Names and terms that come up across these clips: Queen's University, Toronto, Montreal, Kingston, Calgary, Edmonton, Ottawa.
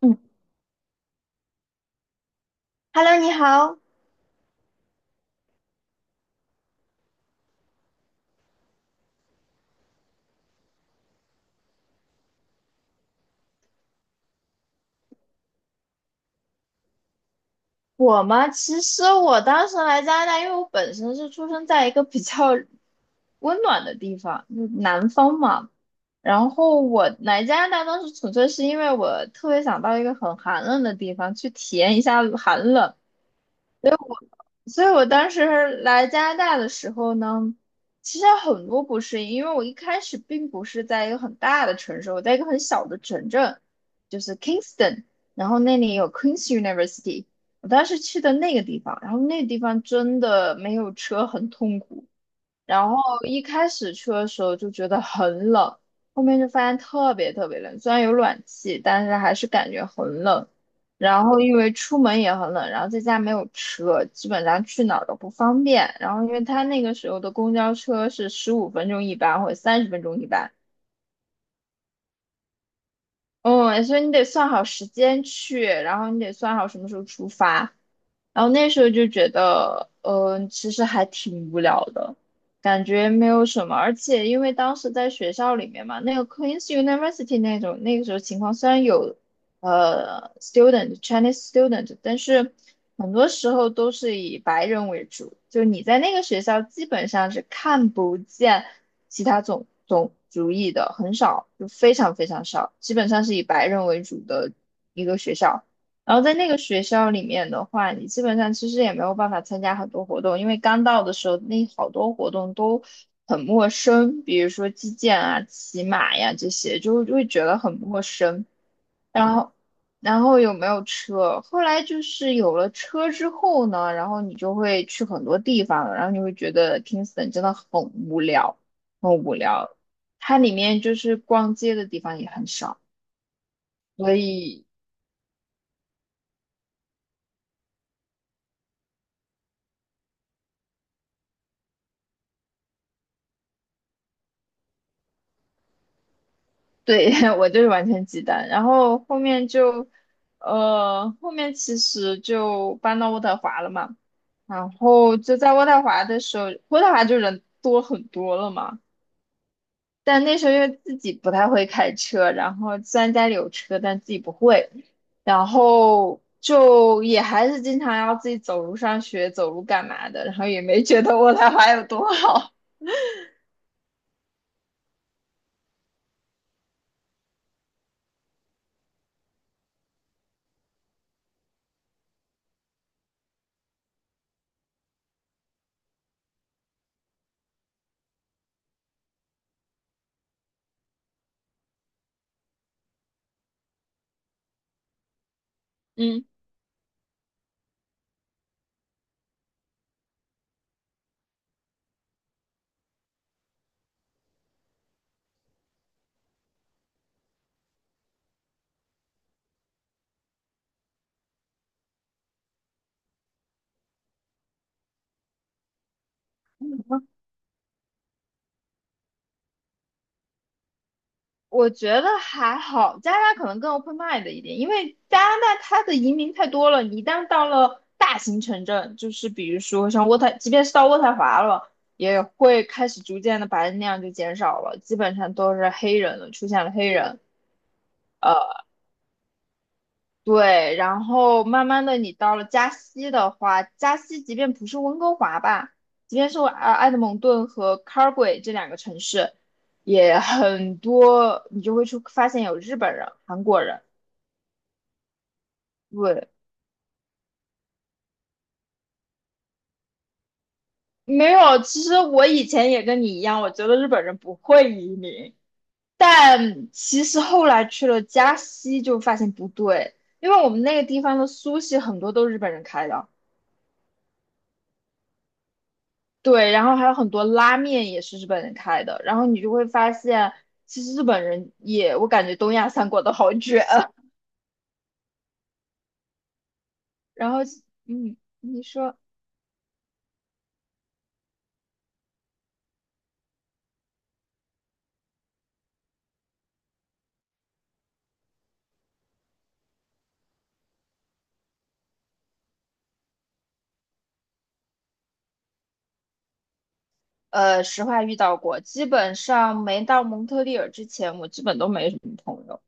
嗯，Hello，你好。我嘛，其实我当时来加拿大，因为我本身是出生在一个比较温暖的地方，就是南方嘛。然后我来加拿大当时纯粹是因为我特别想到一个很寒冷的地方去体验一下寒冷，所以我当时来加拿大的时候呢，其实很多不适应，因为我一开始并不是在一个很大的城市，我在一个很小的城镇，就是 Kingston，然后那里有 Queen's University，我当时去的那个地方，然后那个地方真的没有车很痛苦。然后一开始去的时候就觉得很冷，后面就发现特别特别冷，虽然有暖气，但是还是感觉很冷。然后因为出门也很冷，然后在家没有车，基本上去哪儿都不方便。然后因为他那个时候的公交车是15分钟一班或者30分钟一班，嗯，所以你得算好时间去，然后你得算好什么时候出发。然后那时候就觉得，其实还挺无聊的，感觉没有什么。而且因为当时在学校里面嘛，那个 Queen's University 那种那个时候情况，虽然有Chinese student，但是很多时候都是以白人为主，就你在那个学校基本上是看不见其他种族裔的，很少，就非常非常少，基本上是以白人为主的一个学校。然后在那个学校里面的话，你基本上其实也没有办法参加很多活动，因为刚到的时候那好多活动都很陌生，比如说击剑啊、骑马呀这些，就会觉得很陌生。然后，有没有车？后来就是有了车之后呢，然后你就会去很多地方了，然后你会觉得 Kingston 真的很无聊，很无聊。它里面就是逛街的地方也很少，所以。对，我就是完全鸡蛋，然后后面就，后面其实就搬到渥太华了嘛，然后就在渥太华的时候，渥太华就人多很多了嘛，但那时候因为自己不太会开车，然后虽然家里有车，但自己不会，然后就也还是经常要自己走路上学，走路干嘛的，然后也没觉得渥太华有多好，嗯。我觉得还好，加拿大可能更 open mind 一点，因为加拿大它的移民太多了，你一旦到了大型城镇，就是比如说像渥太，即便是到渥太华了，也会开始逐渐的白人量就减少了，基本上都是黑人了，出现了黑人。对，然后慢慢的你到了加西的话，加西即便不是温哥华吧，即便是埃德蒙顿和 Calgay 这两个城市，也很多，你就会出发现有日本人、韩国人。对，没有。其实我以前也跟你一样，我觉得日本人不会移民，但其实后来去了加西就发现不对，因为我们那个地方的苏系很多都是日本人开的。对，然后还有很多拉面也是日本人开的，然后你就会发现，其实日本人也，我感觉东亚三国都好卷啊。然后，嗯，你说，实话遇到过，基本上没到蒙特利尔之前，我基本都没什么朋友。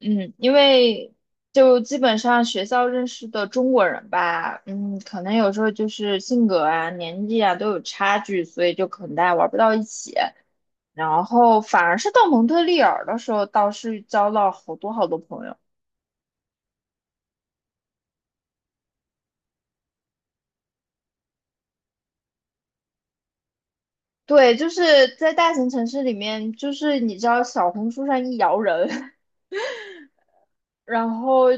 嗯，因为就基本上学校认识的中国人吧，嗯，可能有时候就是性格啊、年纪啊都有差距，所以就可能大家玩不到一起。然后反而是到蒙特利尔的时候，倒是交到好多好多朋友。对，就是在大型城市里面，就是你知道小红书上一摇人，然后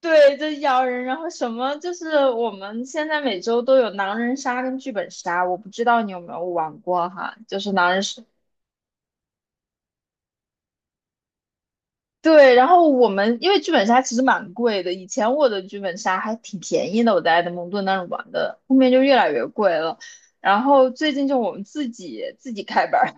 对，就咬人，然后什么就是我们现在每周都有狼人杀跟剧本杀，我不知道你有没有玩过哈，就是狼人杀。对，然后我们因为剧本杀其实蛮贵的，以前我的剧本杀还挺便宜的，我在埃德蒙顿那儿玩的，后面就越来越贵了。然后最近就我们自己开班儿。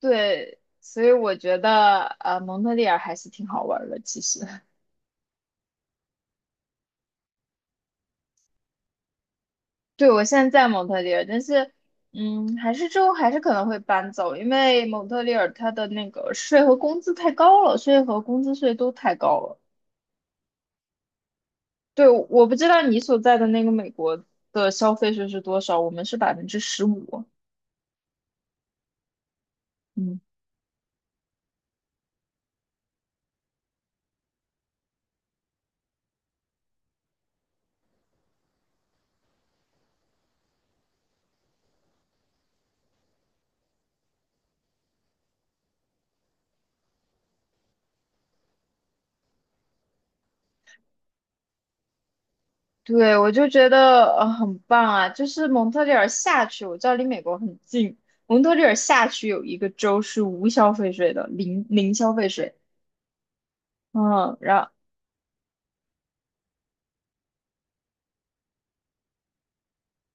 对，所以我觉得蒙特利尔还是挺好玩儿的，其实。对，我现在在蒙特利尔，但是，嗯，还是之后还是可能会搬走，因为蒙特利尔它的那个税和工资太高了，税和工资税都太高了。对，我不知道你所在的那个美国的消费税是多少，我们是15%。嗯，对，我就觉得很棒啊，就是蒙特利尔下去，我知道离美国很近，蒙特利尔下去有一个州是无消费税的，零消费税。嗯，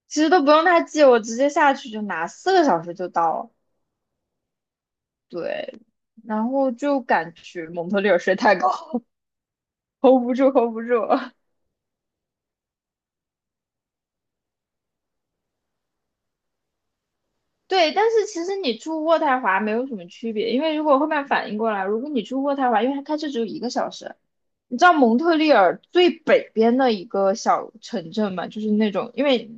其实都不用他寄，我直接下去就拿，4个小时就到了。对，然后就赶去蒙特利尔睡太高，hold 不住，hold 不住。对，但是其实你住渥太华没有什么区别，因为如果后面反应过来，如果你住渥太华，因为它开车只有一个小时。你知道蒙特利尔最北边的一个小城镇嘛，就是那种，因为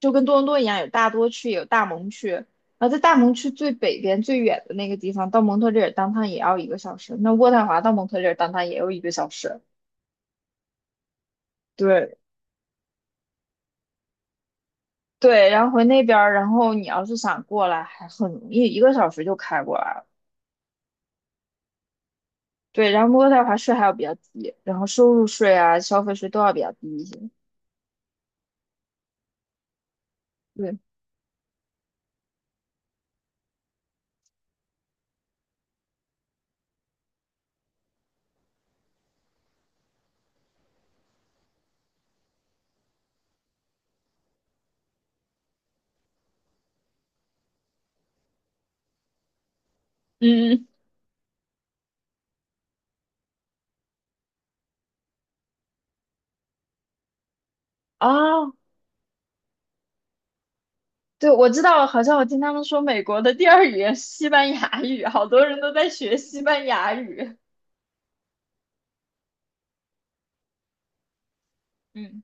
就跟多伦多一样，有大多区，也有大蒙区。然后在大蒙区最北边最远的那个地方，到蒙特利尔当趟也要一个小时。那渥太华到蒙特利尔当趟也要一个小时。对对，然后回那边儿，然后你要是想过来，还很容易，一个小时就开过来了。对，然后渥太华税还要比较低，然后收入税啊、消费税都要比较低一些。对，嗯啊，对，我知道，好像我听他们说美国的第二语言是西班牙语，好多人都在学西班牙语。嗯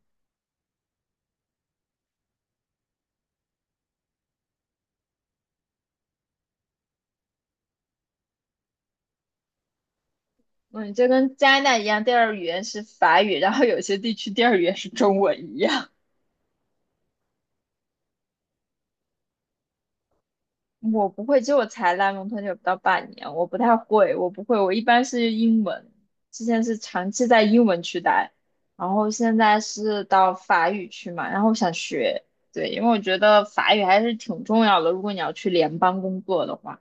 嗯，就跟加拿大一样，第二语言是法语，然后有些地区第二语言是中文一样。我不会，就我才来蒙特利尔不到半年，我不太会，我不会，我一般是英文，之前是长期在英文区待，然后现在是到法语区嘛，然后我想学。对，因为我觉得法语还是挺重要的，如果你要去联邦工作的话，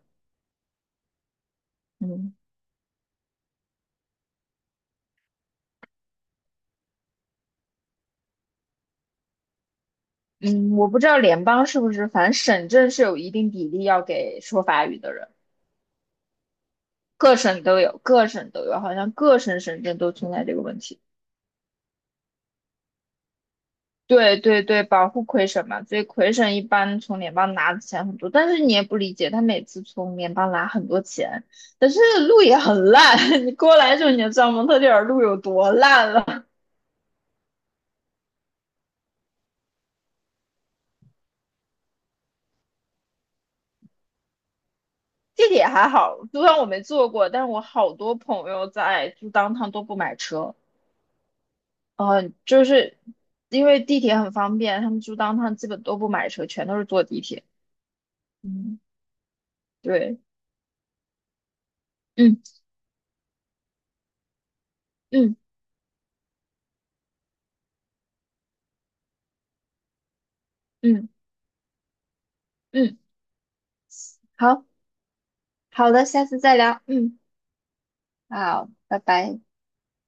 嗯。嗯，我不知道联邦是不是，反正省政是有一定比例要给说法语的人，各省都有，各省都有，好像各省省政都存在这个问题。对对对，保护魁省嘛，所以魁省一般从联邦拿的钱很多，但是你也不理解，他每次从联邦拿很多钱，但是路也很烂，你过来的时候你就知道蒙特利尔路有多烂了。地铁还好，虽然我没坐过，但是我好多朋友在就当趟都不买车。就是因为地铁很方便，他们住当趟基本都不买车，全都是坐地铁。嗯，对，嗯嗯嗯嗯，好。好的，下次再聊。嗯，好，拜拜。